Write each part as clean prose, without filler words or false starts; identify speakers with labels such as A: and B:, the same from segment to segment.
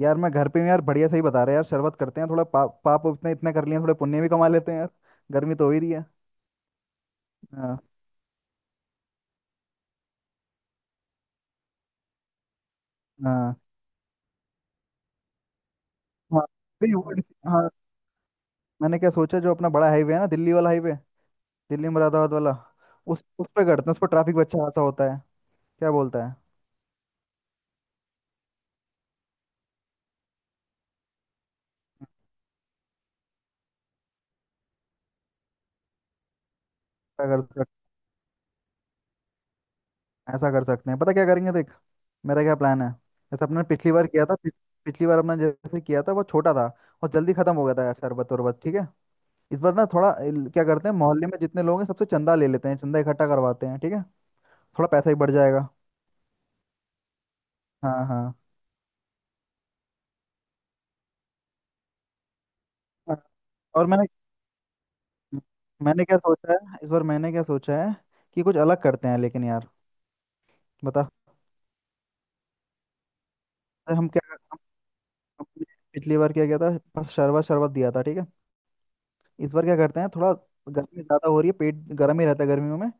A: यार मैं घर पे हूँ यार। बढ़िया सही बता रहे हैं यार। शरबत करते हैं थोड़ा पाप इतने इतने कर लिए हैं, थोड़े पुण्य भी कमा लेते हैं यार। गर्मी तो हो ही रही है। हाँ। हाँ। हाँ, नहीं, वो हाँ। मैंने क्या सोचा जो अपना बड़ा हाईवे है ना, दिल्ली वाला हाईवे, दिल्ली मुरादाबाद वाला, उस पर करते हैं। उस पर ट्रैफिक भी अच्छा खासा होता है। क्या बोलता है? क्या कर सक- ऐसा कर सकते हैं। पता क्या करेंगे, देख मेरा क्या प्लान है। जैसे अपने पिछली बार किया था, पिछली बार अपना जैसे किया था वो छोटा था। और जल्दी खत्म हो गया था यार शरबत उरबत। ठीक है। इस बार ना थोड़ा क्या करते हैं, मोहल्ले में जितने लोग हैं सबसे चंदा ले लेते हैं, चंदा इकट्ठा करवाते हैं। ठीक है। थोड़ा पैसा ही बढ़ जाएगा। हाँ हाँ। हाँ, और मैंने, मैंने क्या सोचा है इस बार, मैंने क्या सोचा है कि कुछ अलग करते हैं। लेकिन यार बता। अरे हम, हमने पिछली बार क्या किया था? बस शरबत शरबत दिया था। ठीक है। इस बार क्या करते हैं, थोड़ा गर्मी ज़्यादा हो रही है, पेट गर्म ही रहता है गर्मियों में।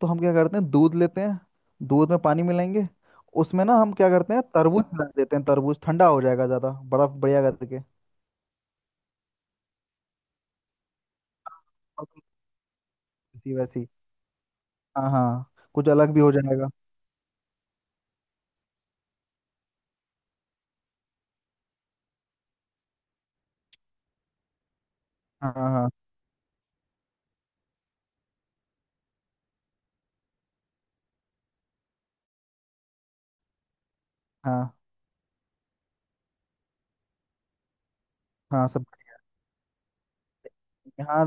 A: तो हम क्या करते हैं, दूध लेते हैं। दूध में पानी मिलाएंगे, उसमें ना हम क्या करते हैं तरबूज मिला देते हैं। तरबूज ठंडा हो जाएगा, ज़्यादा बर्फ बढ़िया करके। और कुछ वैसी वैसी। हाँ हाँ। कुछ अलग भी हो जाएगा। हाँ हाँ। हाँ। हाँ सब। हाँ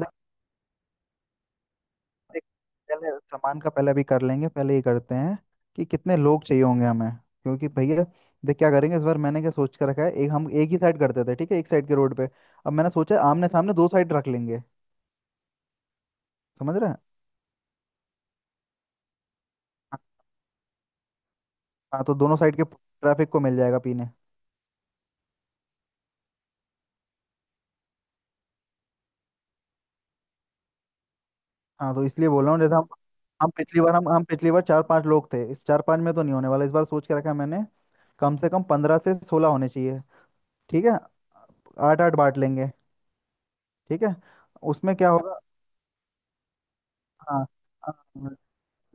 A: एक- पहले सामान का पहले भी कर लेंगे, पहले ये करते हैं कि कितने लोग चाहिए होंगे हमें, क्योंकि भैया देख क्या करेंगे। इस बार मैंने क्या सोच कर रखा है, एक हम एक ही साइड करते थे, ठीक है, एक साइड के रोड पे। अब मैंने सोचा है आमने सामने दो साइड रख लेंगे। समझ रहे हैं? हाँ। हाँ, तो दोनों साइड के ट्रैफिक को मिल जाएगा पीने। हाँ तो इसलिए बोल रहा हूँ जैसे हम, हम पिछली बार चार पांच लोग थे। इस चार पांच में तो नहीं होने वाला, इस बार सोच के रखा है मैंने कम से कम 15 से 16 होने चाहिए। ठीक है। आठ आठ बांट लेंगे। ठीक है। उसमें क्या होगा। हाँ। हाँ,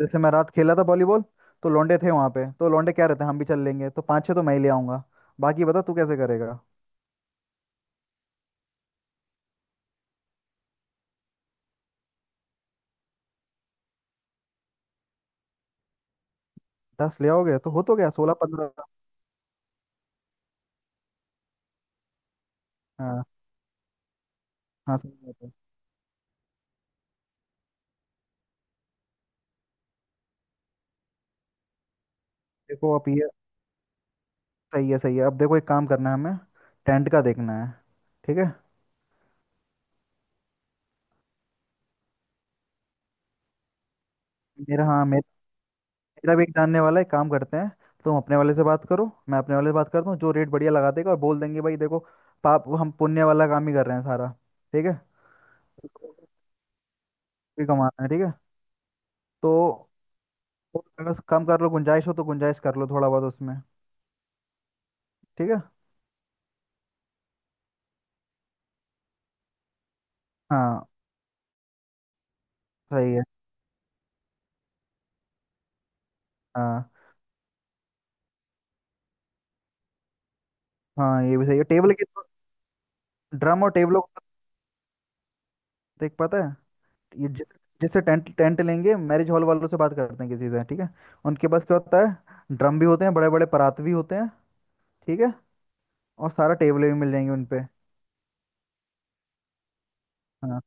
A: जैसे मैं रात खेला था वॉलीबॉल, तो लौंडे थे वहां पे, तो लौंडे क्या रहते हैं, हम भी चल लेंगे तो पाँच छह तो मैं ही ले आऊंगा। बाकी बता तू कैसे करेगा। 10 ले आओगे तो हो तो गया 16 15। हाँ। हाँ सही बात है। देखो अब ये सही है सही है। अब देखो, एक काम करना है हमें, टेंट का देखना है। ठीक है। मेरा हाँ, मेरा, मेरा भी एक जानने वाला है, एक काम करते हैं, तुम अपने वाले से बात करो, मैं अपने वाले से बात करता हूँ, जो रेट बढ़िया लगा देगा। और बोल देंगे भाई देखो, पाप हम पुण्य वाला काम ही कर रहे हैं सारा। ठीक है। भी कमाना है। ठीक है। तो, और अगर कम कर लो, गुंजाइश हो तो गुंजाइश कर लो थोड़ा बहुत उसमें। ठीक है। हाँ सही है। हाँ हाँ ये भी सही है, टेबल के तो, ड्रम और टेबलों को देख पाता है। ये जिस, जिससे टेंट टेंट लेंगे, मैरिज हॉल वालों से बात करते हैं किसी से। ठीक है। उनके पास क्या होता है, ड्रम भी होते हैं बड़े बड़े, परात भी होते हैं। ठीक है। और सारा टेबलें भी मिल जाएंगी उन पे। हाँ,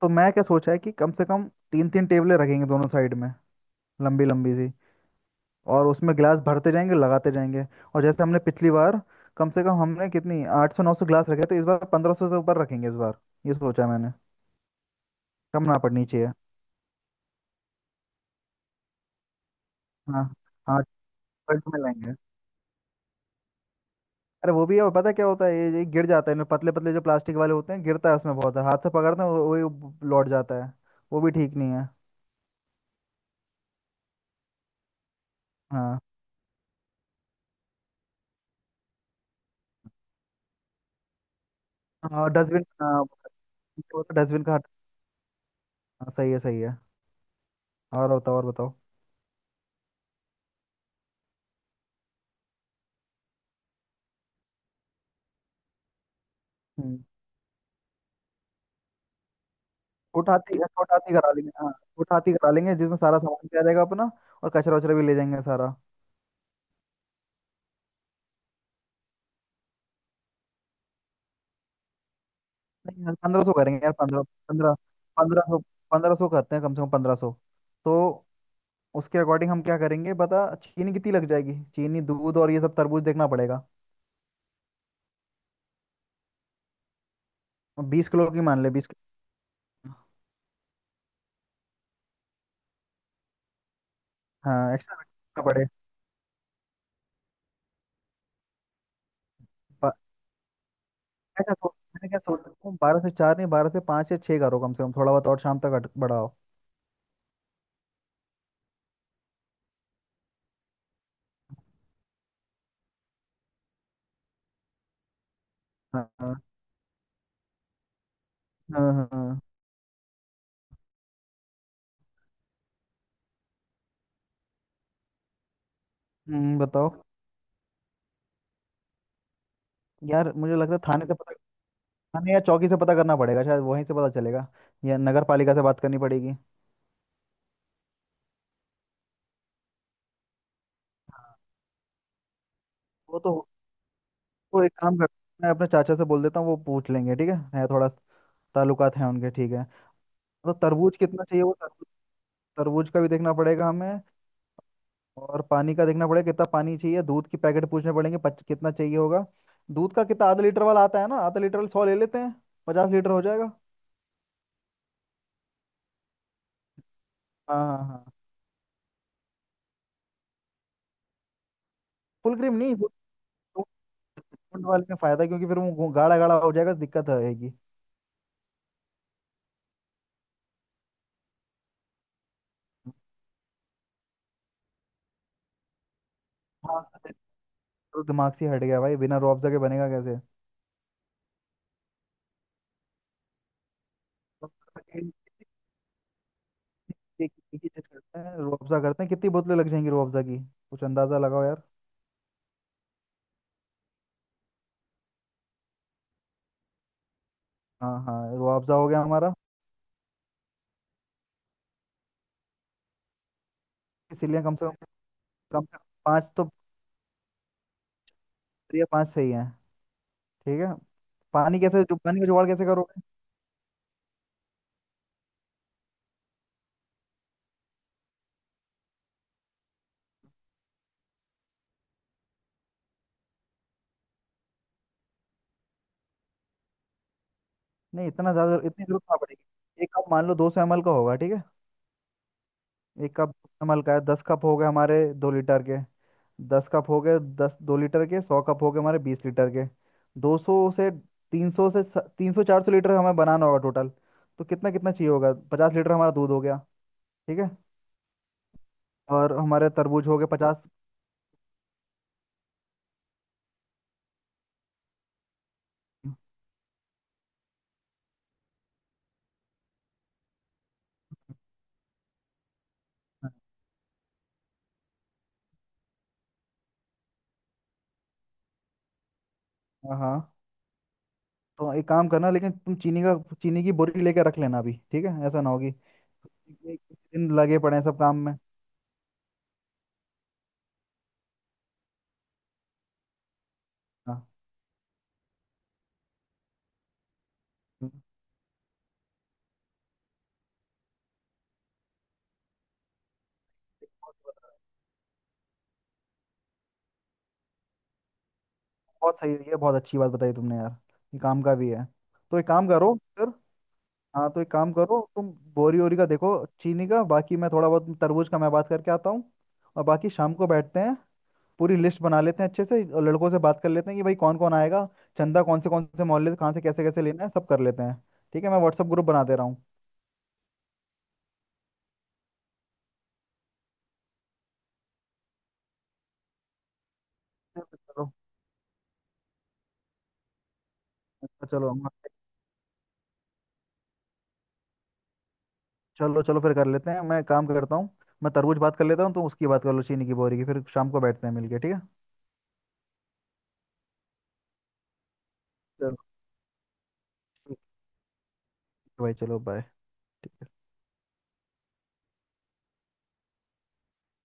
A: तो मैं क्या सोचा है कि कम से कम तीन तीन टेबलें रखेंगे दोनों साइड में, लंबी लंबी सी। और उसमें गिलास भरते जाएंगे, लगाते जाएंगे। और जैसे हमने पिछली बार, कम से कम हमने कितनी 800 900 गिलास रखे, तो इस बार 1500 से ऊपर रखेंगे इस बार। ये सोचा मैंने, कम ना पड़नी चाहिए। हाँ हाँ, बल्क में लेंगे। अरे वो भी है, और पता है क्या होता है, ये गिर जाता है इनमें, पतले पतले जो प्लास्टिक वाले होते हैं, गिरता है उसमें बहुत है, हाथ से पकड़ते हैं लौट जाता है। वो भी ठीक नहीं है। हाँ हाँ डस्टबिन। हाँ डस्टबिन का हट- हाँ, सही है सही है। और बताओ और बताओ। हम्म। छोट हाथी करा लेंगे, हाँ छोट हाथी करा लेंगे जिसमें सारा सामान भी आ जाएगा अपना। और कचरा वचरा भी ले जाएंगे सारा। नहीं यार, 1500 करेंगे यार। पंद्रह पंद्रह 1500, 1500 करते हैं कम से कम 1500। तो उसके अकॉर्डिंग हम क्या करेंगे बता, चीनी कितनी लग जाएगी, चीनी दूध और ये सब तरबूज देखना पड़ेगा। बीस किलो की मान ले, 20 किलो। हाँ एक्स्ट्रा रखना पड़े। ब- ऐसा सोच, मैंने क्या सोचा 12 से 4 नहीं, 12 से 5 या 6 करो, कम से कम थोड़ा बहुत, और शाम तक बढ़ाओ। हाँ हाँ। हाँ हाँ। बताओ। यार मुझे लगता है थाने से पता, हमें या चौकी से पता करना पड़ेगा, शायद वहीं से पता चलेगा, या नगर पालिका से बात करनी पड़ेगी। वो तो, वो एक काम करते हैं, मैं अपने चाचा से बोल देता हूँ, वो पूछ लेंगे, ठीक है थोड़ा ताल्लुकात हैं उनके। ठीक है। तो तरबूज कितना चाहिए, वो तरबूज, तरबूज का भी देखना पड़ेगा हमें। और पानी का देखना पड़ेगा कितना पानी चाहिए, दूध की पैकेट पूछने पड़ेंगे, कितना चाहिए होगा। दूध का कितना, आधा लीटर वाला आता है ना, आधा लीटर वाला 100 ले लेते हैं, 50 लीटर हो जाएगा। हाँ। हाँ। हाँ फुल क्रीम नहीं, फुल, फुल वाले में फायदा है, क्योंकि फिर वो गाढ़ा गाढ़ा हो जाएगा, दिक्कत आएगी। हाँ तो दिमाग से हट गया भाई, बिना रुअफ़ज़ा के बनेगा कैसे? रुअफ़ज़ा के, एक एक ही चीज करते हैं, रुअफ़ज़ा करते हैं, कितनी बोतलें लग जाएंगी रुअफ़ज़ा की, कुछ अंदाज़ा लगाओ यार। हाँ हाँ, रुअफ़ज़ा हो गया हमारा। इसीलिए कम से कम, कम से कम पाँच तो, या पाँच सही है। ठीक है। पानी कैसे, जो पानी का जुगाड़ कैसे करोगे? नहीं इतना ज़्यादा इतनी जरूरत ना पड़ेगी, एक कप मान लो 200 ml का होगा, ठीक है। एक कप नमल का है, 10 कप हो गए हमारे 2 लीटर के। दस कप हो गए 10, 2 लीटर के 100 कप हो गए हमारे 20 लीटर के। 200 से 300 से, 300 400 लीटर हमें बनाना होगा टोटल। तो कितना कितना चाहिए होगा, 50 लीटर हमारा दूध हो गया, ठीक है। और हमारे तरबूज हो गए 50। हाँ हाँ। तो एक काम करना लेकिन, तुम चीनी का, चीनी की बोरी लेके रख लेना अभी, ठीक है, ऐसा ना होगी एक दिन लगे पड़े हैं सब काम में। हाँ बहुत सही है, ये बहुत अच्छी बात बताई तुमने यार, ये काम का भी है। तो एक काम करो फिर। हाँ तो एक काम करो, तुम बोरी ओरी का देखो चीनी का, बाकी मैं थोड़ा बहुत तरबूज का मैं बात करके आता हूँ। और बाकी शाम को बैठते हैं, पूरी लिस्ट बना लेते हैं अच्छे से, और लड़कों से बात कर लेते हैं कि भाई कौन कौन आएगा, चंदा कौन से मोहल्ले से, कहाँ से कैसे कैसे लेना है सब कर लेते हैं। ठीक है, मैं व्हाट्सअप ग्रुप बना दे रहा हूँ। चलो। अच्छा चलो चलो चलो फिर कर लेते हैं, मैं काम करता हूँ, मैं तरबूज बात कर लेता हूँ, तो उसकी बात कर लो चीनी की बोरी की, फिर शाम को बैठते हैं मिलके, ठीक है। चलो भाई चलो बाय। ठीक है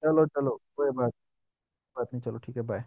A: चलो चलो, कोई बात, बात नहीं, चलो ठीक है बाय।